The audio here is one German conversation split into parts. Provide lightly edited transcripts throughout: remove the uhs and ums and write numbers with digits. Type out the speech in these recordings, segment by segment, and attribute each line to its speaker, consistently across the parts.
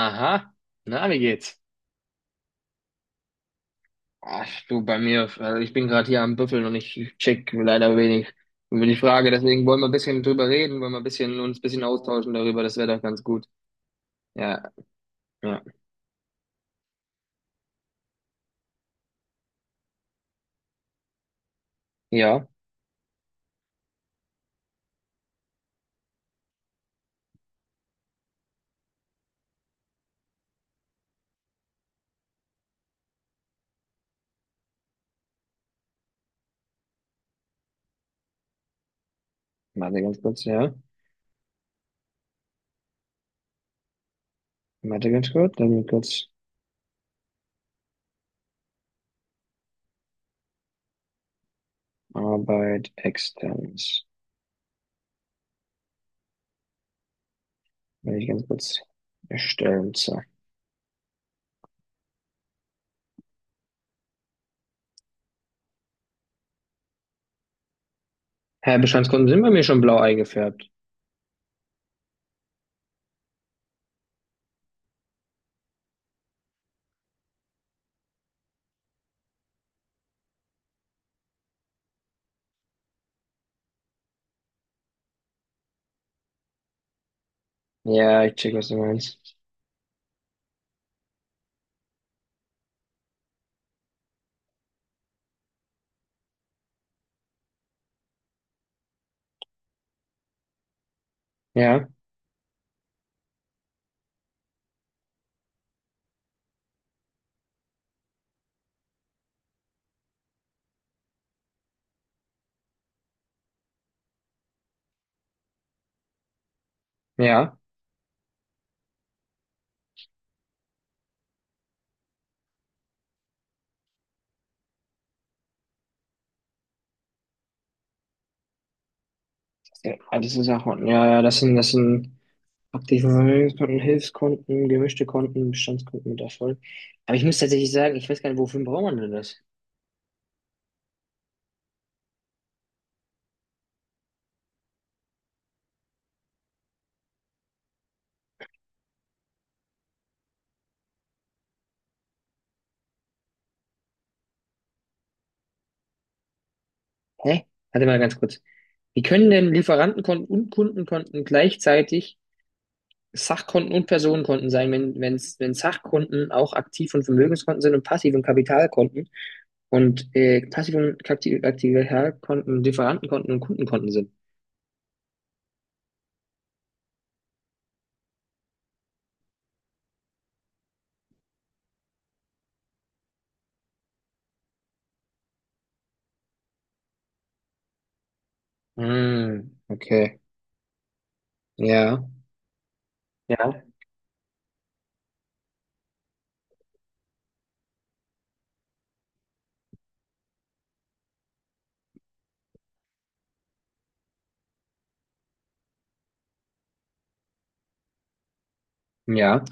Speaker 1: Aha, na, wie geht's? Ach, du, bei mir, also ich bin gerade hier am Büffeln und ich check leider wenig über die Frage, deswegen wollen wir ein bisschen drüber reden, wollen wir ein bisschen, uns ein bisschen austauschen darüber, das wäre doch ganz gut. Ja, ja, ja, warte ganz kurz, ja, warte ganz kurz, dann kurz Arbeit externes, wenn ich ganz kurz erstellen, so. Hä, Bestandskunden sind bei mir schon blau eingefärbt. Ja, ich check, was du meinst. Ja, ja, ja, das ist auch, ja, das sind Aktiven Hilfskonten, gemischte Konten, Bestandskonten mit Erfolg. Aber ich muss tatsächlich sagen, ich weiß gar nicht, wofür braucht man denn das? Hä? Warte mal ganz kurz. Wie können denn Lieferantenkonten und Kundenkonten gleichzeitig Sachkonten und Personenkonten sein, wenn Sachkonten auch Aktiv- und Vermögenskonten sind und Passiv- und Kapitalkonten und Passiv- und Kapitalkonten, Lieferantenkonten und Kundenkonten sind? Hm, okay. Ja, ja, ja,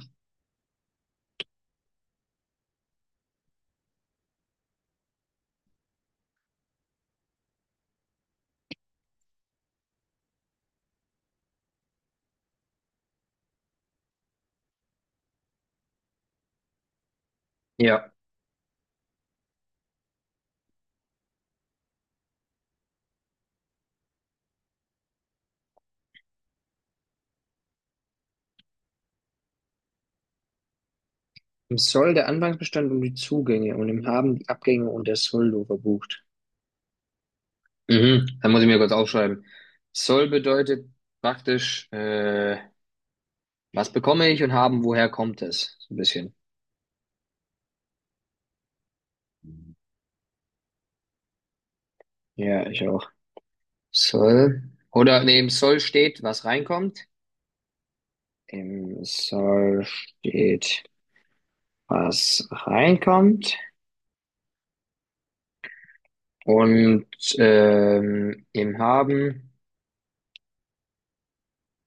Speaker 1: ja. Im Soll der Anfangsbestand und die Zugänge und im Haben die Abgänge und der Soldo verbucht. Mhm, dann muss ich mir kurz aufschreiben. Soll bedeutet praktisch, was bekomme ich und haben, woher kommt es? So ein bisschen. Ja, ich auch. Soll. Oder nee, Soll steht, was reinkommt. Im Soll steht, was reinkommt. Und im Haben,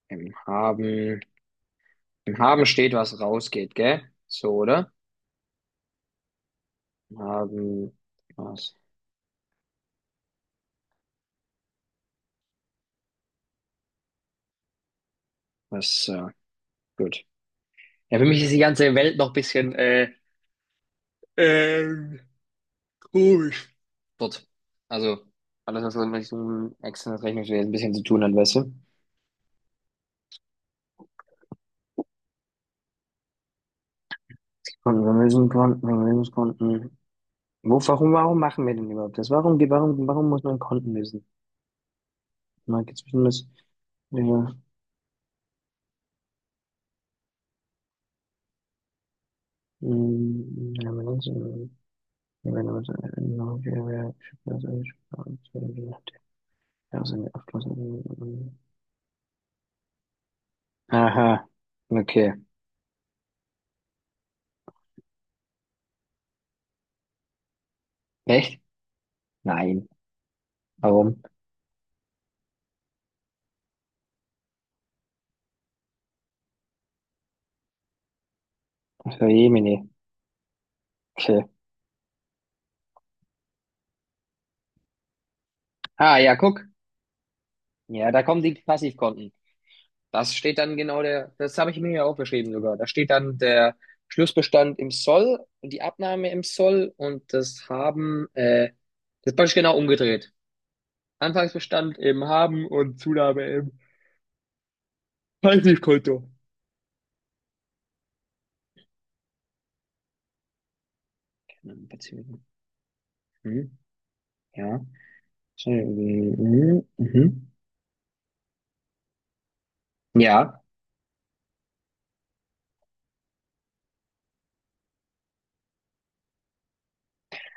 Speaker 1: im Haben, im Haben steht, was rausgeht, gell? So, oder? Haben was, was, gut. Ja, für mich ist die ganze Welt noch ein bisschen ähm, komisch. Dort. Also, alles, was in Richtung externes Rechnungswesen ein bisschen zu tun hat, weißt du? Und Vermögenskonten. Wo, warum, warum machen wir denn überhaupt das? Warum, warum, warum muss man Konten wissen? Man geht zwischen das, ja, ja, man muss, ja, wenn man so, noch, ja, ich weiß nicht, ja, so eine Abschluss- Aha, okay. Echt? Nein. Warum? Für so, Jemine. Okay. Ah, ja, guck. Ja, da kommen die Passivkonten. Das steht dann genau der, das habe ich mir ja aufgeschrieben sogar. Da steht dann der Schlussbestand im Soll und die Abnahme im Soll und das Haben, das ist praktisch genau umgedreht. Anfangsbestand im Haben und Zunahme im Passivkonto. Beziehung. Hm, ja. Hm, mhm. Ja.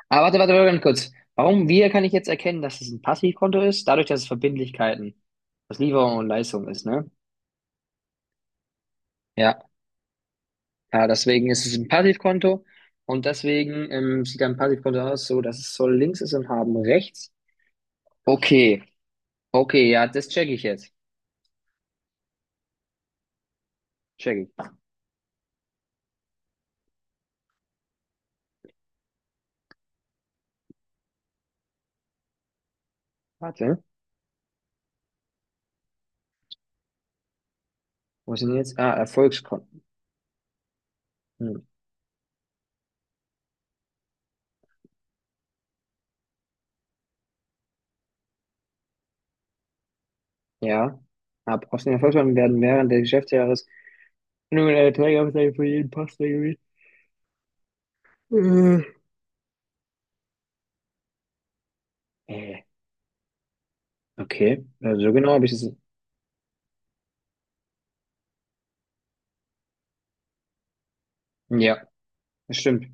Speaker 1: Aber warte, ganz kurz. Warum, wie kann ich jetzt erkennen, dass es ein Passivkonto ist? Dadurch, dass es Verbindlichkeiten, dass Lieferung und Leistung ist, ne? Ja, ja, deswegen ist es ein Passivkonto und deswegen sieht ein Passivkonto aus, so dass es Soll links ist und Haben rechts. Okay, okay, ja, das checke ich jetzt. Check ich. Warte, wo sind jetzt? Ah, Erfolgskonten. Hm, ja. Ab aus den Erfolgskonten werden während des Geschäftsjahres nur eine Erträge für jeden Pass reguliert. Äh, okay, also so genau habe ich es. Ja. Das stimmt.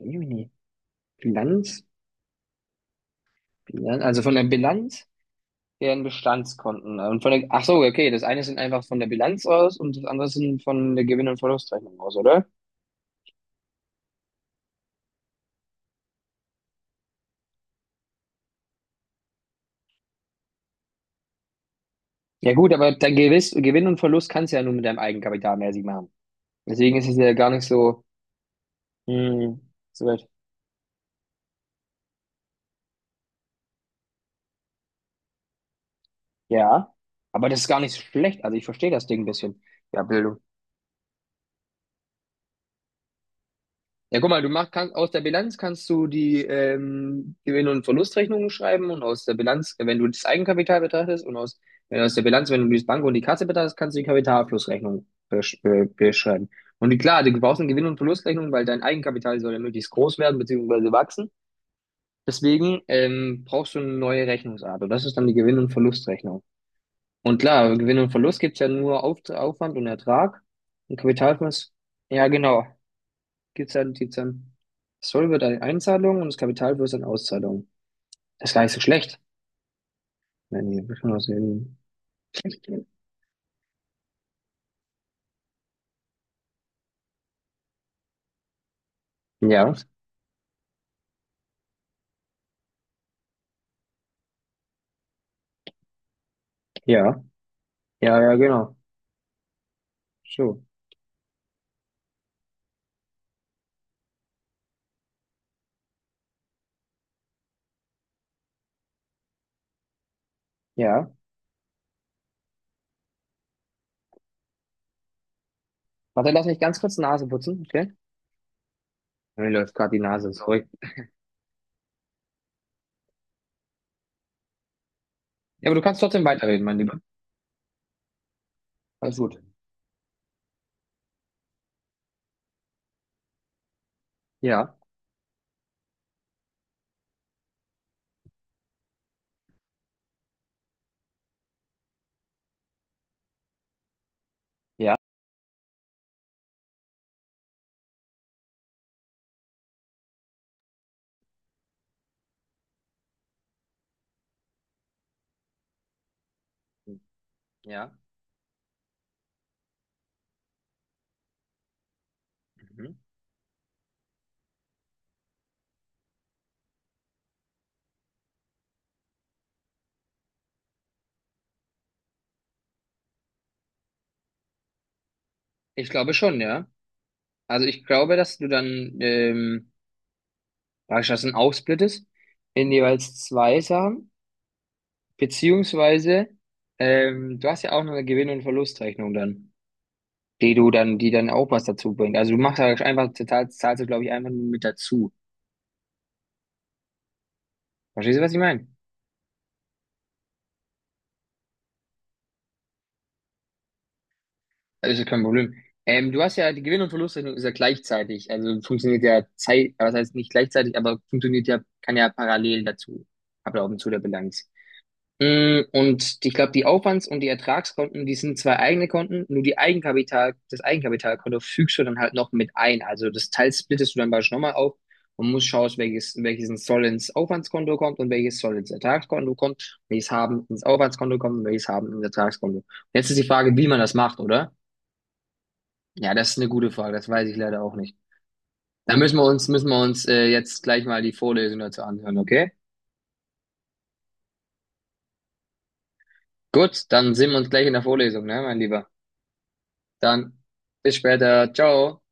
Speaker 1: Jemini. Bilanz? Bilanz? Also von der Bilanz deren Bestandskonten. Und von der, ach so, okay, das eine sind einfach von der Bilanz aus und das andere sind von der Gewinn- und Verlustrechnung aus, oder? Ja gut, aber dein Gewinn und Verlust kannst du ja nur mit deinem Eigenkapital mäßig machen. Deswegen ist es ja gar nicht so, hm, so weit. Ja, aber das ist gar nicht so schlecht. Also ich verstehe das Ding ein bisschen. Ja, Bildung. Ja, guck mal, du machst kann, aus der Bilanz kannst du die Gewinn- und Verlustrechnungen schreiben und aus der Bilanz, wenn du das Eigenkapital betrachtest und aus, wenn aus der Bilanz, wenn du die Bank und die Kasse betrachtest, kannst du die Kapitalflussrechnung beschreiben. Und die, klar, du brauchst eine Gewinn- und Verlustrechnung, weil dein Eigenkapital soll ja möglichst groß werden beziehungsweise wachsen. Deswegen brauchst du eine neue Rechnungsart und das ist dann die Gewinn- und Verlustrechnung. Und klar, Gewinn und Verlust gibt's ja nur Aufwand und Ertrag und Kapitalfluss. Ja, genau. Gibt's dann. Das Soll wird eine Einzahlung und das Kapital wird eine Auszahlung. Das ist gar nicht so schlecht. Nein, hier wird schon was sehen. Ja, ja, ja, genau. So, ja. Warte, lass mich ganz kurz Nase putzen, okay? Mir läuft gerade die Nase, sorry. Ja, aber du kannst trotzdem weiterreden, mein Lieber. Alles gut. Ja, ja, ja. Mhm. Ich glaube schon, ja. Also ich glaube, dass du dann, dass du das dann aufsplittest in jeweils zwei Sachen. Beziehungsweise, du hast ja auch noch eine Gewinn- und Verlustrechnung dann, die du dann, die dann auch was dazu bringt. Also du machst halt einfach, total, zahlst du, glaube ich, einfach nur mit dazu. Verstehst du, was ich meine? Das ist kein Problem. Du hast ja, die Gewinn- und Verlustrechnung ist ja gleichzeitig, also funktioniert ja Zeit, aber heißt nicht gleichzeitig, aber funktioniert ja, kann ja parallel dazu ablaufen zu der Bilanz. Mm, Und ich glaube, die Aufwands- und die Ertragskonten, die sind zwei eigene Konten, nur die Eigenkapital, das Eigenkapitalkonto fügst du dann halt noch mit ein. Also das Teil splittest du dann beispielsweise nochmal auf und musst schauen, welches, welches soll ins Aufwandskonto kommt und welches soll ins Ertragskonto kommt, welches haben ins Aufwandskonto kommt und welches haben ins Ertragskonto. Jetzt ist die Frage, wie man das macht, oder? Ja, das ist eine gute Frage, das weiß ich leider auch nicht. Da müssen wir uns jetzt gleich mal die Vorlesung dazu anhören, okay? Gut, dann sehen wir uns gleich in der Vorlesung, ne, mein Lieber. Dann bis später. Ciao.